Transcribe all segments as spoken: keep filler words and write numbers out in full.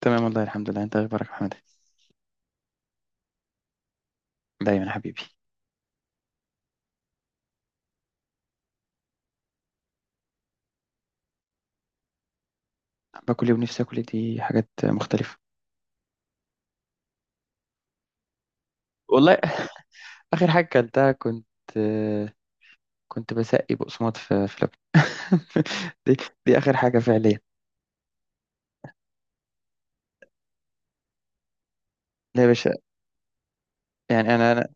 تمام والله، الحمد لله. انت اخبارك يا محمد؟ دايما يا حبيبي. باكل ايه ونفسي اكل ايه، دي حاجات مختلفه. والله. اخر حاجه اكلتها، كنت كنت بسقي بقسماط في في لبن. دي دي اخر حاجه فعليا. لا يا باشا. يعني انا انا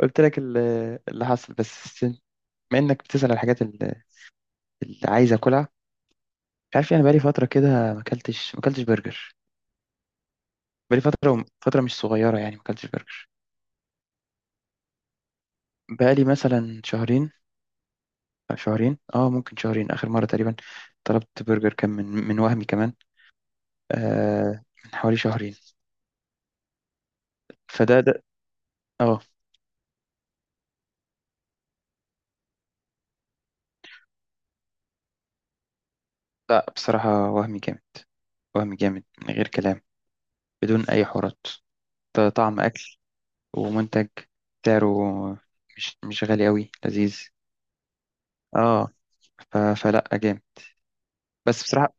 قلت لك ال- اللي حصل بس، بما انك بتسال على الحاجات اللي اللي عايز اكلها. مش عارف، يعني بقالي فتره كده ما اكلتش ما اكلتش برجر. بقالي فتره، فتره مش صغيره يعني، ما اكلتش برجر. بقالي مثلا شهرين. شهرين، اه ممكن شهرين اخر مره تقريبا طلبت برجر، كان من من وهمي كمان. آه من حوالي شهرين. فده ده اه لا، بصراحه وهمي جامد. وهمي جامد من غير كلام. بدون اي حوارات. ط- طعم اكل، ومنتج، سعره مش مش غالي قوي، لذيذ. اه. ف... فلا جامد. بس بصراحه،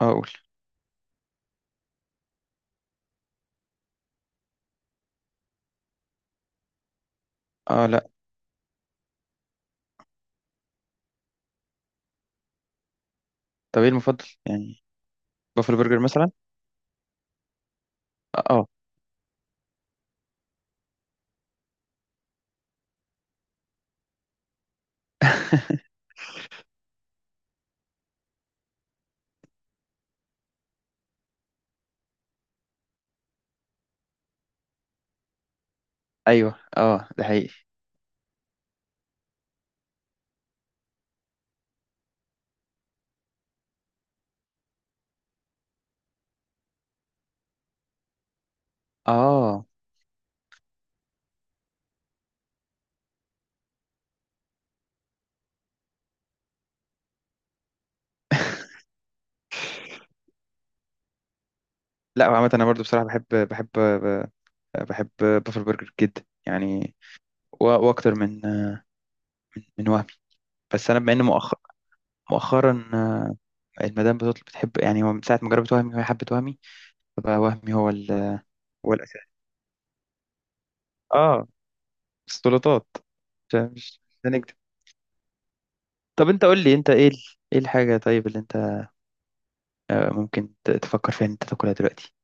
اه اقول. اه، لا. طب ايه المفضل يعني؟ بافلو برجر مثلا؟ اه. ايوه، اه، ده حقيقي. اه، لا، عامة انا برضو بصراحة، بحب بحب بحب بافل برجر جدا يعني. و- واكتر من من, من وهمي. بس انا بما ان مؤخ... مؤخرا، آه، المدام بتطلب بتحب، يعني هو من ساعه ما جربت وهمي وهي حبت وهمي. فبقى وهمي، هو ال... هو الاساس. اه. سلطات. مش مش هنكدب. طب انت قول لي، انت ايه ال... ايه الحاجه طيب اللي انت آه، ممكن ت- تفكر فيها ان انت تاكلها دلوقتي؟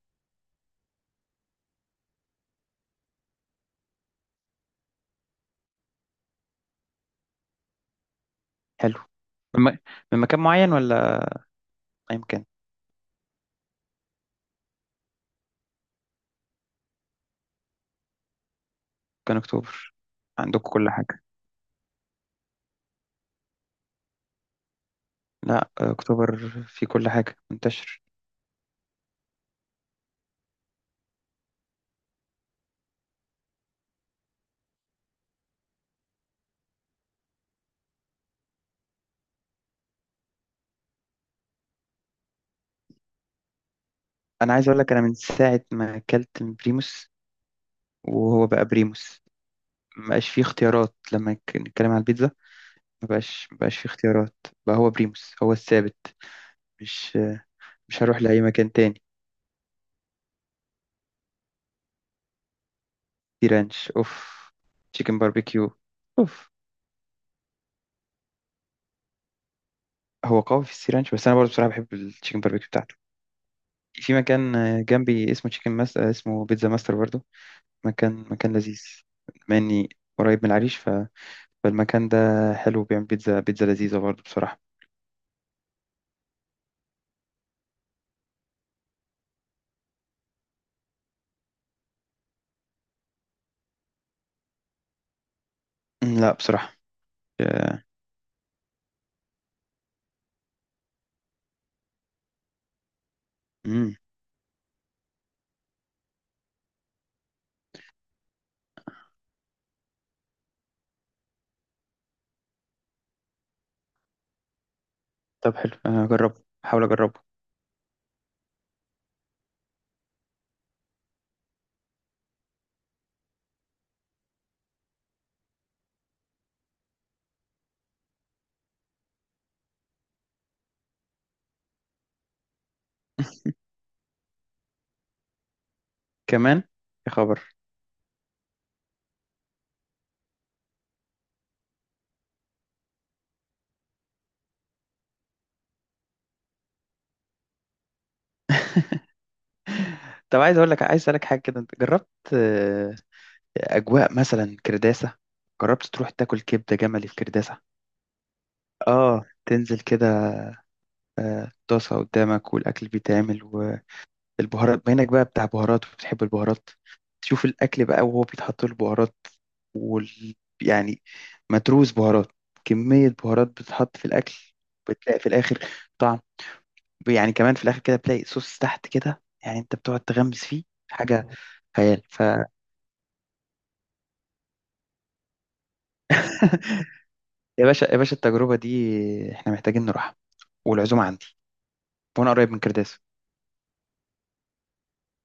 حلو. من, م... من مكان معين ولا اي مكان؟ كان اكتوبر. عندكم كل حاجه. لا، آه، اكتوبر في كل حاجه منتشر. انا عايز اقول لك، انا من ساعه ما اكلت من بريموس، وهو بقى بريموس، ما بقاش فيه اختيارات لما ك- نتكلم على البيتزا. ما بقاش ما بقاش فيه اختيارات. بقى هو بريموس هو الثابت. مش مش هروح لاي مكان تاني. سي رانش اوف. تشيكن باربيكيو اوف. هو قوي في السي رانش، بس انا برضه بصراحه بحب التشيكن باربيكيو بتاعته. في مكان آه، جنبي اسمه تشيكن ماس، آه، اسمه بيتزا ماستر برضه. مكان مكان لذيذ. بما اني قريب من العريش، ف... فالمكان ده حلو، بيعمل بيتزا بيتزا لذيذه برضه بصراحه. لا بصراحه. يا- مم. طب حلو، أنا هجربه هحاول اجربه. كمان. يا خبر! طب عايز اقول لك عايز اسالك حاجه كده، انت جربت آه، اجواء مثلا كرداسه؟ جربت تروح تاكل كبده جملي في كرداسه؟ اه، تنزل كده، آه، طاسه قدامك والاكل بيتعمل، والبهارات ما هناك بقى بتاع بهارات، وبتحب البهارات، تشوف الاكل بقى وهو بيتحط له البهارات، وال... يعني متروس بهارات، كميه بهارات بتتحط في الاكل. بتلاقي في الاخر، يعني كمان في الاخر كده بتلاقي صوص تحت كده، يعني انت بتقعد تغمس فيه حاجه خيال. ف يا باشا، يا باشا، التجربه دي احنا محتاجين نروحها، والعزومه عندي، وانا قريب من كرداس.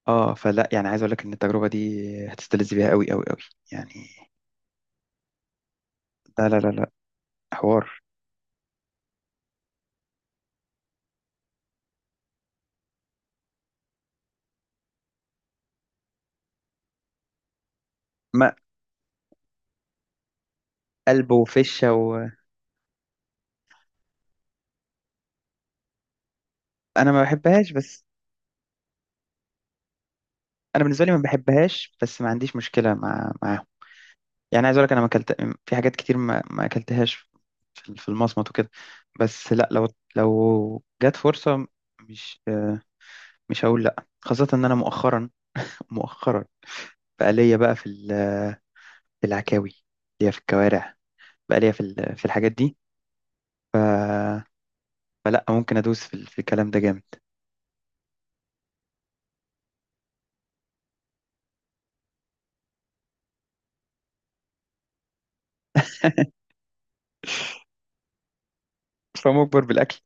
اه، فلا يعني عايز اقول لك ان التجربه دي هتستلذ بيها قوي قوي قوي، يعني. لا، لا، لا، لا، حوار. ما قلب وفشه وانا، ما بحبهاش، بس انا بالنسبه لي ما بحبهاش، بس ما عنديش مشكله مع معاهم. يعني عايز اقول لك انا ما اكلت في حاجات كتير ما, ما اكلتهاش، في في المصمت وكده. بس لا، لو لو جت فرصة، مش آه، مش هقول لا، خاصة ان انا مؤخرا، مؤخرا بقى ليا بقى في ال- في العكاوي، ليا في الكوارع، بقى ليا في ال- في الحاجات دي. ف... فلا ممكن ادوس في, ال- في الكلام ده جامد. فمجبر بالاكل.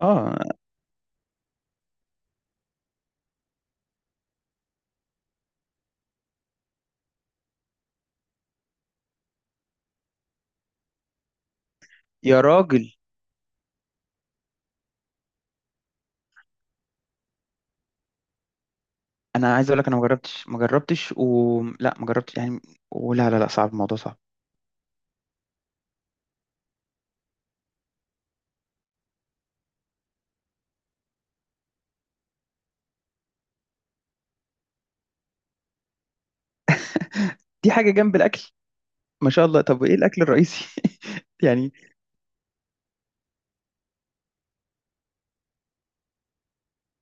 اه. يا راجل. انا عايز اقول لك انا ما جربتش، ما جربتش ولا ما جربتش يعني. ولا، لا، لا، صعب الموضوع صعب. دي حاجة جنب الاكل، ما شاء الله. طب وايه الاكل الرئيسي؟ يعني.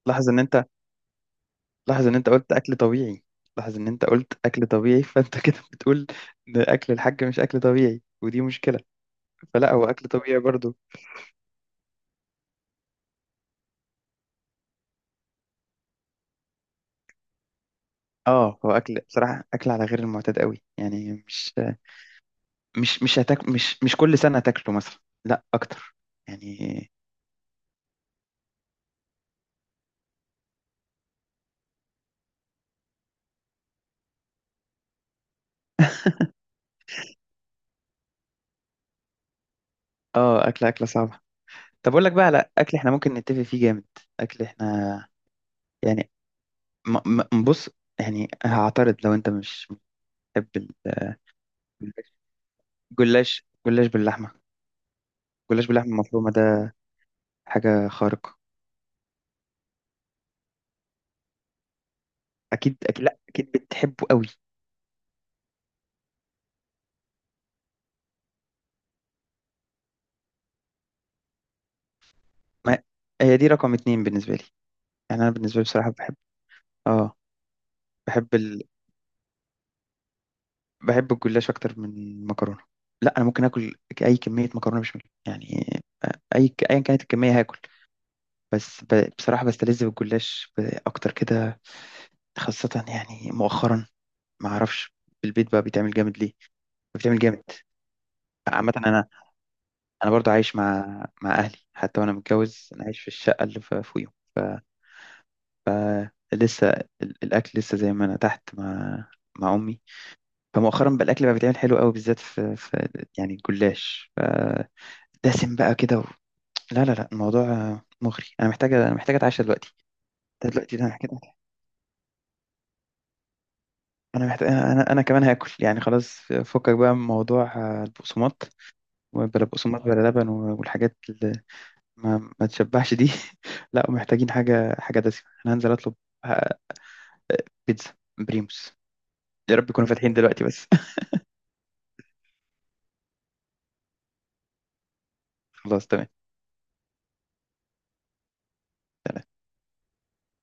لاحظ ان انت لاحظ ان انت قلت اكل طبيعي. لاحظ ان انت قلت اكل طبيعي، فانت كده بتقول ان اكل الحاج مش اكل طبيعي، ودي مشكلة. فلا، هو اكل طبيعي برضو. اه، هو اكل بصراحة، اكل على غير المعتاد قوي يعني، مش، مش مش هتاك مش مش كل سنة هتاكله مثلا. لا اكتر، يعني. اه، اكل، اكلة صعبة. طب اقول لك بقى على اكل احنا ممكن نتفق فيه جامد. اكل احنا، يعني، م- م- بص. يعني هعترض لو انت مش بتحب، جلاش جلاش باللحمة، جلاش باللحمة المفرومة ده حاجة خارقة. أكيد، أكيد، لأ أكيد بتحبه قوي. ما هي دي رقم اتنين بالنسبة لي. يعني أنا بالنسبة لي بصراحة بحب، آه، بحب ال... بحب الجلاش أكتر من المكرونة. لأ أنا ممكن آكل أي كمية مكرونة بشاميل يعني. آه، أي أيا كانت الكمية هاكل. بس ب... بصراحة بستلذ بالجلاش، ب- أكتر كده، خاصة يعني مؤخرا. ما أعرفش، في البيت بقى بيتعمل جامد ليه. بيتعمل جامد. عامة أنا، انا برضو عايش مع مع اهلي، حتى وانا متجوز انا عايش في الشقه اللي ف- فوقيهم. لسه ال- الاكل لسه زي ما انا تحت مع مع امي. فمؤخرا بقى الاكل بقى بيتعمل حلو قوي، بالذات في, في يعني الجلاش، فدسم بقى كده. و... لا لا لا، الموضوع آه، مغري، انا محتاجه انا محتاجه اتعشى دلوقتي. ده دلوقتي ده انا محتاجه. انا محتاج، انا انا أنا كمان هاكل يعني، خلاص. فكك بقى من موضوع آه، البقسماط. بلا بقسماط، بلا لبن و- والحاجات اللي ما, ما تشبعش دي. لا، محتاجين حاجه حاجه دسمه، انا هنزل اطلب بيتزا بريموس. يا رب يكونوا فاتحين دلوقتي بس. خلاص، تمام.